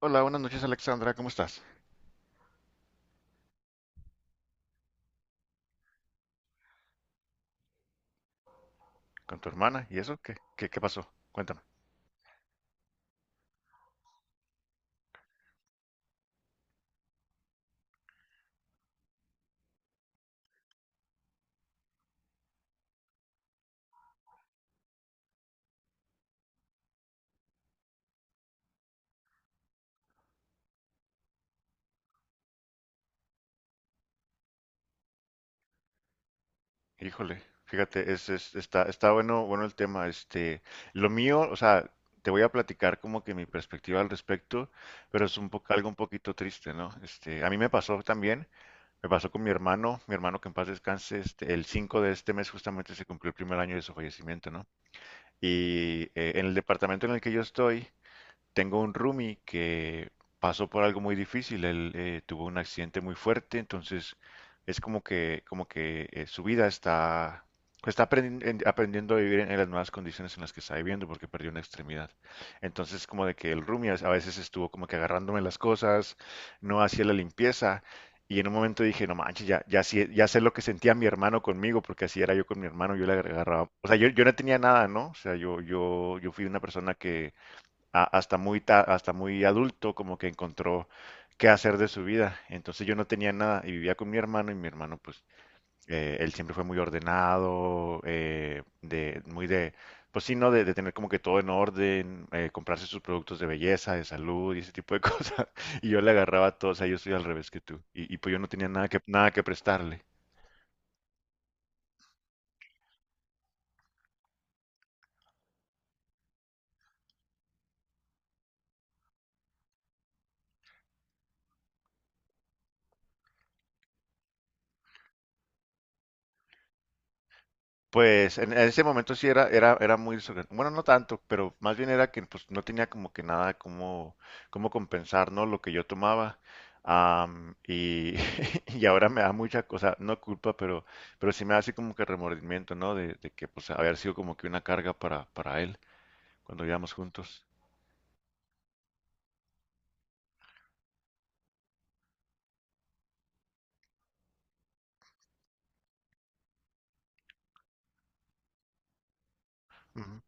Hola, buenas noches Alexandra, ¿cómo estás? ¿Con tu hermana? ¿Y eso? ¿Qué pasó? Cuéntame. Híjole, fíjate, está bueno el tema. Este, lo mío, o sea, te voy a platicar como que mi perspectiva al respecto, pero es un poco, algo un poquito triste, ¿no? Este, a mí me pasó también, me pasó con mi hermano que en paz descanse, este, el 5 de este mes justamente se cumplió el primer año de su fallecimiento, ¿no? Y en el departamento en el que yo estoy. Tengo un roomie que pasó por algo muy difícil. Él tuvo un accidente muy fuerte. Entonces es como que su vida está aprendiendo a vivir en las nuevas condiciones en las que está viviendo porque perdió una extremidad. Entonces, como de que el roomie a veces estuvo como que agarrándome las cosas, no hacía la limpieza. Y en un momento dije, no manches, ya, ya, ya sé lo que sentía mi hermano conmigo, porque así era yo con mi hermano, yo le agarraba. O sea, yo no tenía nada, ¿no? O sea, yo fui una persona que, hasta muy adulto, como que encontró qué hacer de su vida. Entonces yo no tenía nada y vivía con mi hermano, y mi hermano, pues, él siempre fue muy ordenado, pues sí, ¿no? De tener como que todo en orden, comprarse sus productos de belleza, de salud y ese tipo de cosas. Y yo le agarraba todo, o sea, yo soy al revés que tú. Y pues yo no tenía nada que prestarle. Pues en ese momento sí era bueno, no tanto, pero más bien era que pues no tenía como que nada como compensar, ¿no? Lo que yo tomaba. Y, y ahora me da mucha cosa, no culpa, pero, sí me da así como que remordimiento, ¿no? De que pues haber sido como que una carga para él cuando vivíamos juntos. Ujú.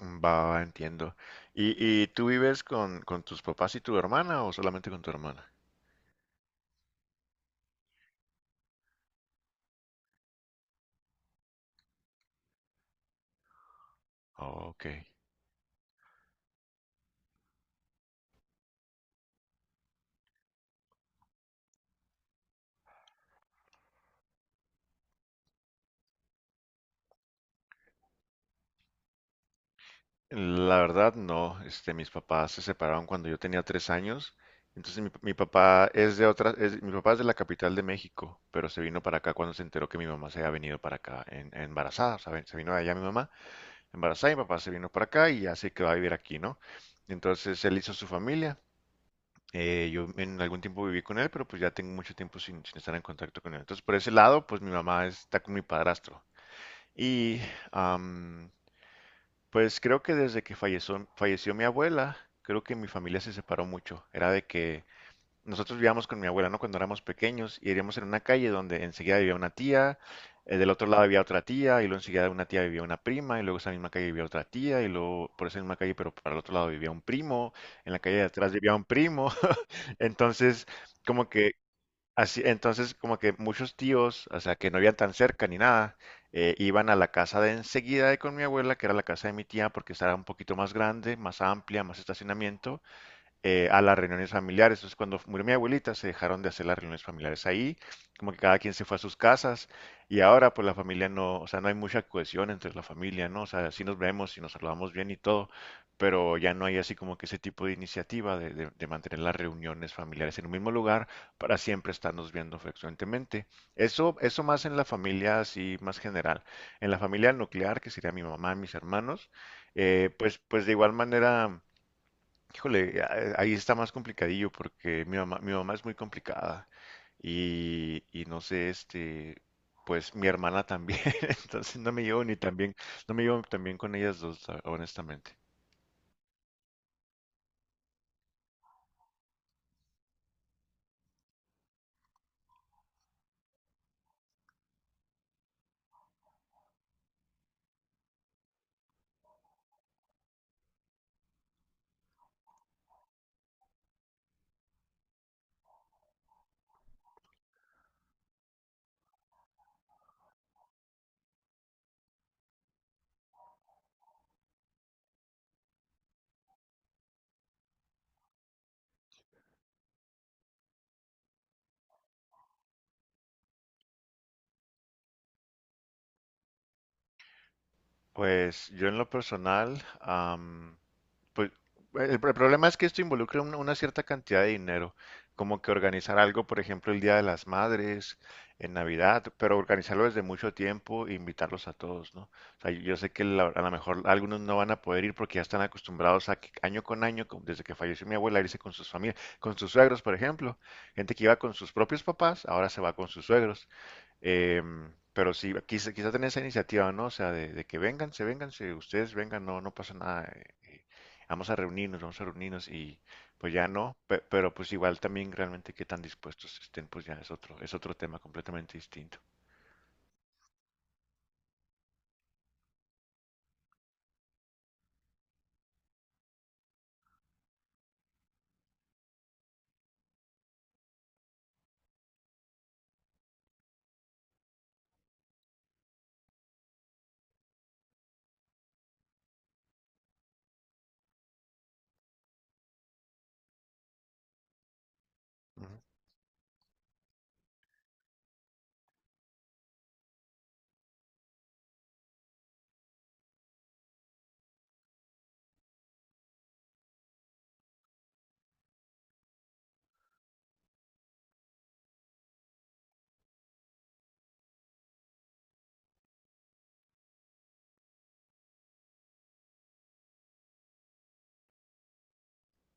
Va, va, entiendo. ¿Y tú vives con tus papás y tu hermana o solamente con tu hermana? Oh, ok. La verdad, no. Este, mis papás se separaron cuando yo tenía 3 años. Entonces mi papá es de otra, es- mi papá es de la capital de México, pero se vino para acá cuando se enteró que mi mamá se había venido para acá embarazada. O sea, se vino de allá mi mamá embarazada y mi papá se vino para acá y ya se quedó a vivir aquí, ¿no? Entonces él hizo su familia. Yo en algún tiempo viví con él, pero pues ya tengo mucho tiempo sin estar en contacto con él. Entonces por ese lado, pues mi mamá está con mi padrastro. Y pues creo que desde que falleció mi abuela, creo que mi familia se separó mucho. Era de que nosotros vivíamos con mi abuela, ¿no? Cuando éramos pequeños y vivíamos en una calle donde enseguida vivía una tía, del otro lado había otra tía, y luego enseguida de una tía vivía una prima, y luego esa misma calle vivía otra tía, y luego por esa misma calle, pero para el otro lado vivía un primo, en la calle de atrás vivía un primo. Entonces, como que Así, entonces, como que muchos tíos, o sea, que no vivían tan cerca ni nada, iban a la casa de enseguida de con mi abuela, que era la casa de mi tía, porque estaba un poquito más grande, más amplia, más estacionamiento, a las reuniones familiares. Entonces, cuando murió mi abuelita, se dejaron de hacer las reuniones familiares ahí, como que cada quien se fue a sus casas y ahora pues la familia no, o sea, no hay mucha cohesión entre la familia, ¿no? O sea, sí nos vemos y nos saludamos bien y todo, pero ya no hay así como que ese tipo de iniciativa de, de mantener las reuniones familiares en un mismo lugar para siempre estarnos viendo frecuentemente. Eso más en la familia así más general. En la familia nuclear, que sería mi mamá y mis hermanos, pues, de igual manera. Híjole, ahí está más complicadillo porque mi mamá es muy complicada y no sé, este, pues mi hermana también, entonces no me llevo ni tan bien, no me llevo tan bien con ellas dos, honestamente. Pues yo en lo personal, pues el problema es que esto involucra una cierta cantidad de dinero, como que organizar algo, por ejemplo, el Día de las Madres, en Navidad, pero organizarlo desde mucho tiempo e invitarlos a todos, ¿no? O sea, yo sé que a lo mejor algunos no van a poder ir porque ya están acostumbrados a que año con año, como desde que falleció mi abuela, irse con sus familias, con sus suegros, por ejemplo. Gente que iba con sus propios papás, ahora se va con sus suegros. Em, pero sí, quizá, quizá tener esa iniciativa, ¿no? O sea, de que vengan, se vengan, si ustedes vengan, no, no pasa nada. Vamos a reunirnos, y pues ya no, pero pues igual también realmente qué tan dispuestos estén, pues ya es otro, tema completamente distinto. Ujú.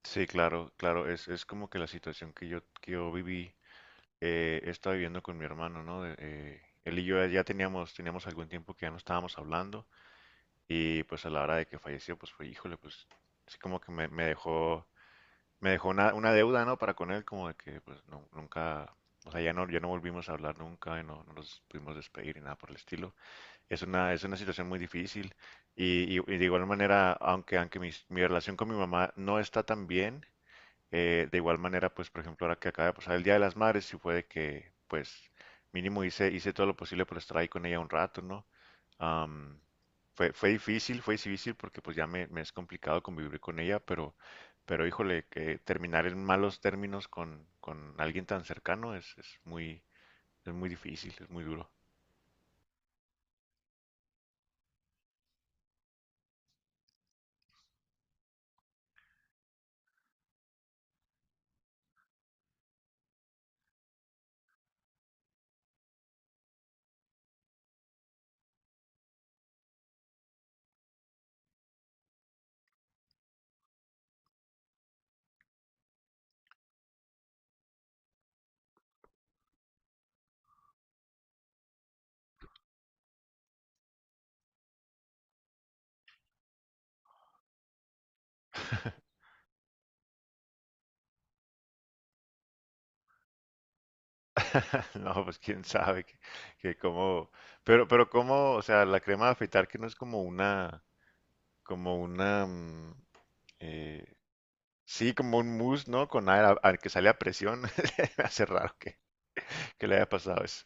Sí, claro, claro, es como que la situación que yo viví. He estado viviendo con mi hermano, ¿no? Él y yo ya teníamos algún tiempo que ya no estábamos hablando y pues a la hora de que falleció, pues fue, híjole, pues sí como que me dejó una deuda, ¿no? Para con él, como de que pues nunca, o sea, ya no volvimos a hablar nunca y no nos pudimos despedir ni nada por el estilo. Es una situación muy difícil y de igual manera, aunque mi relación con mi mamá no está tan bien. De igual manera, pues por ejemplo, ahora que acaba de pasar el Día de las Madres, sí fue de que, pues mínimo hice todo lo posible por estar ahí con ella un rato, ¿no? Am, fue difícil, fue difícil porque pues ya me es complicado convivir con ella, pero, híjole, que terminar en malos términos con alguien tan cercano es muy, es muy difícil, es muy duro. No, pues quién sabe que cómo, pero, cómo, o sea, la crema de afeitar que no es como una, como una, mm, eh, sí, como un mousse, ¿no? Con aire que sale a presión, me hace raro que le haya pasado eso.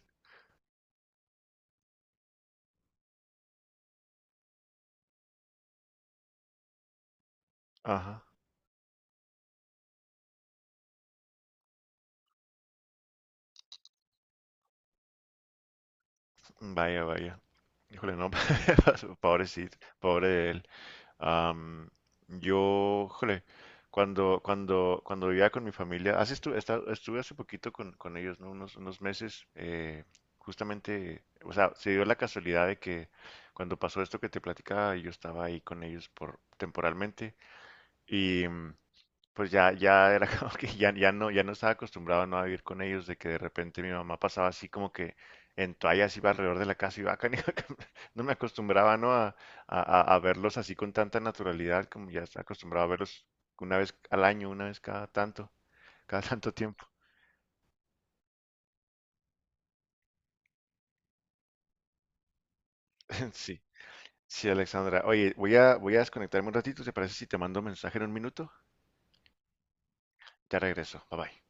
Ajá, vaya, vaya. Híjole, no, pobre Sid, pobre él. Am, yo, híjole, cuando vivía con mi familia, así estuve hace poquito con ellos, ¿no? Unos meses, justamente, o sea, se dio la casualidad de que cuando pasó esto que te platicaba, yo estaba ahí con ellos por temporalmente y pues ya era como que ya no estaba acostumbrado no a vivir con ellos, de que de repente mi mamá pasaba así como que en toallas iba alrededor de la casa y va no me acostumbraba no a- a verlos así con tanta naturalidad como ya estaba acostumbrado a verlos una vez al año, una vez cada tanto tiempo. Sí, sí, Alexandra. Oye, voy a desconectarme un ratito, ¿te parece si te mando un mensaje en un minuto? Ya regreso, bye bye.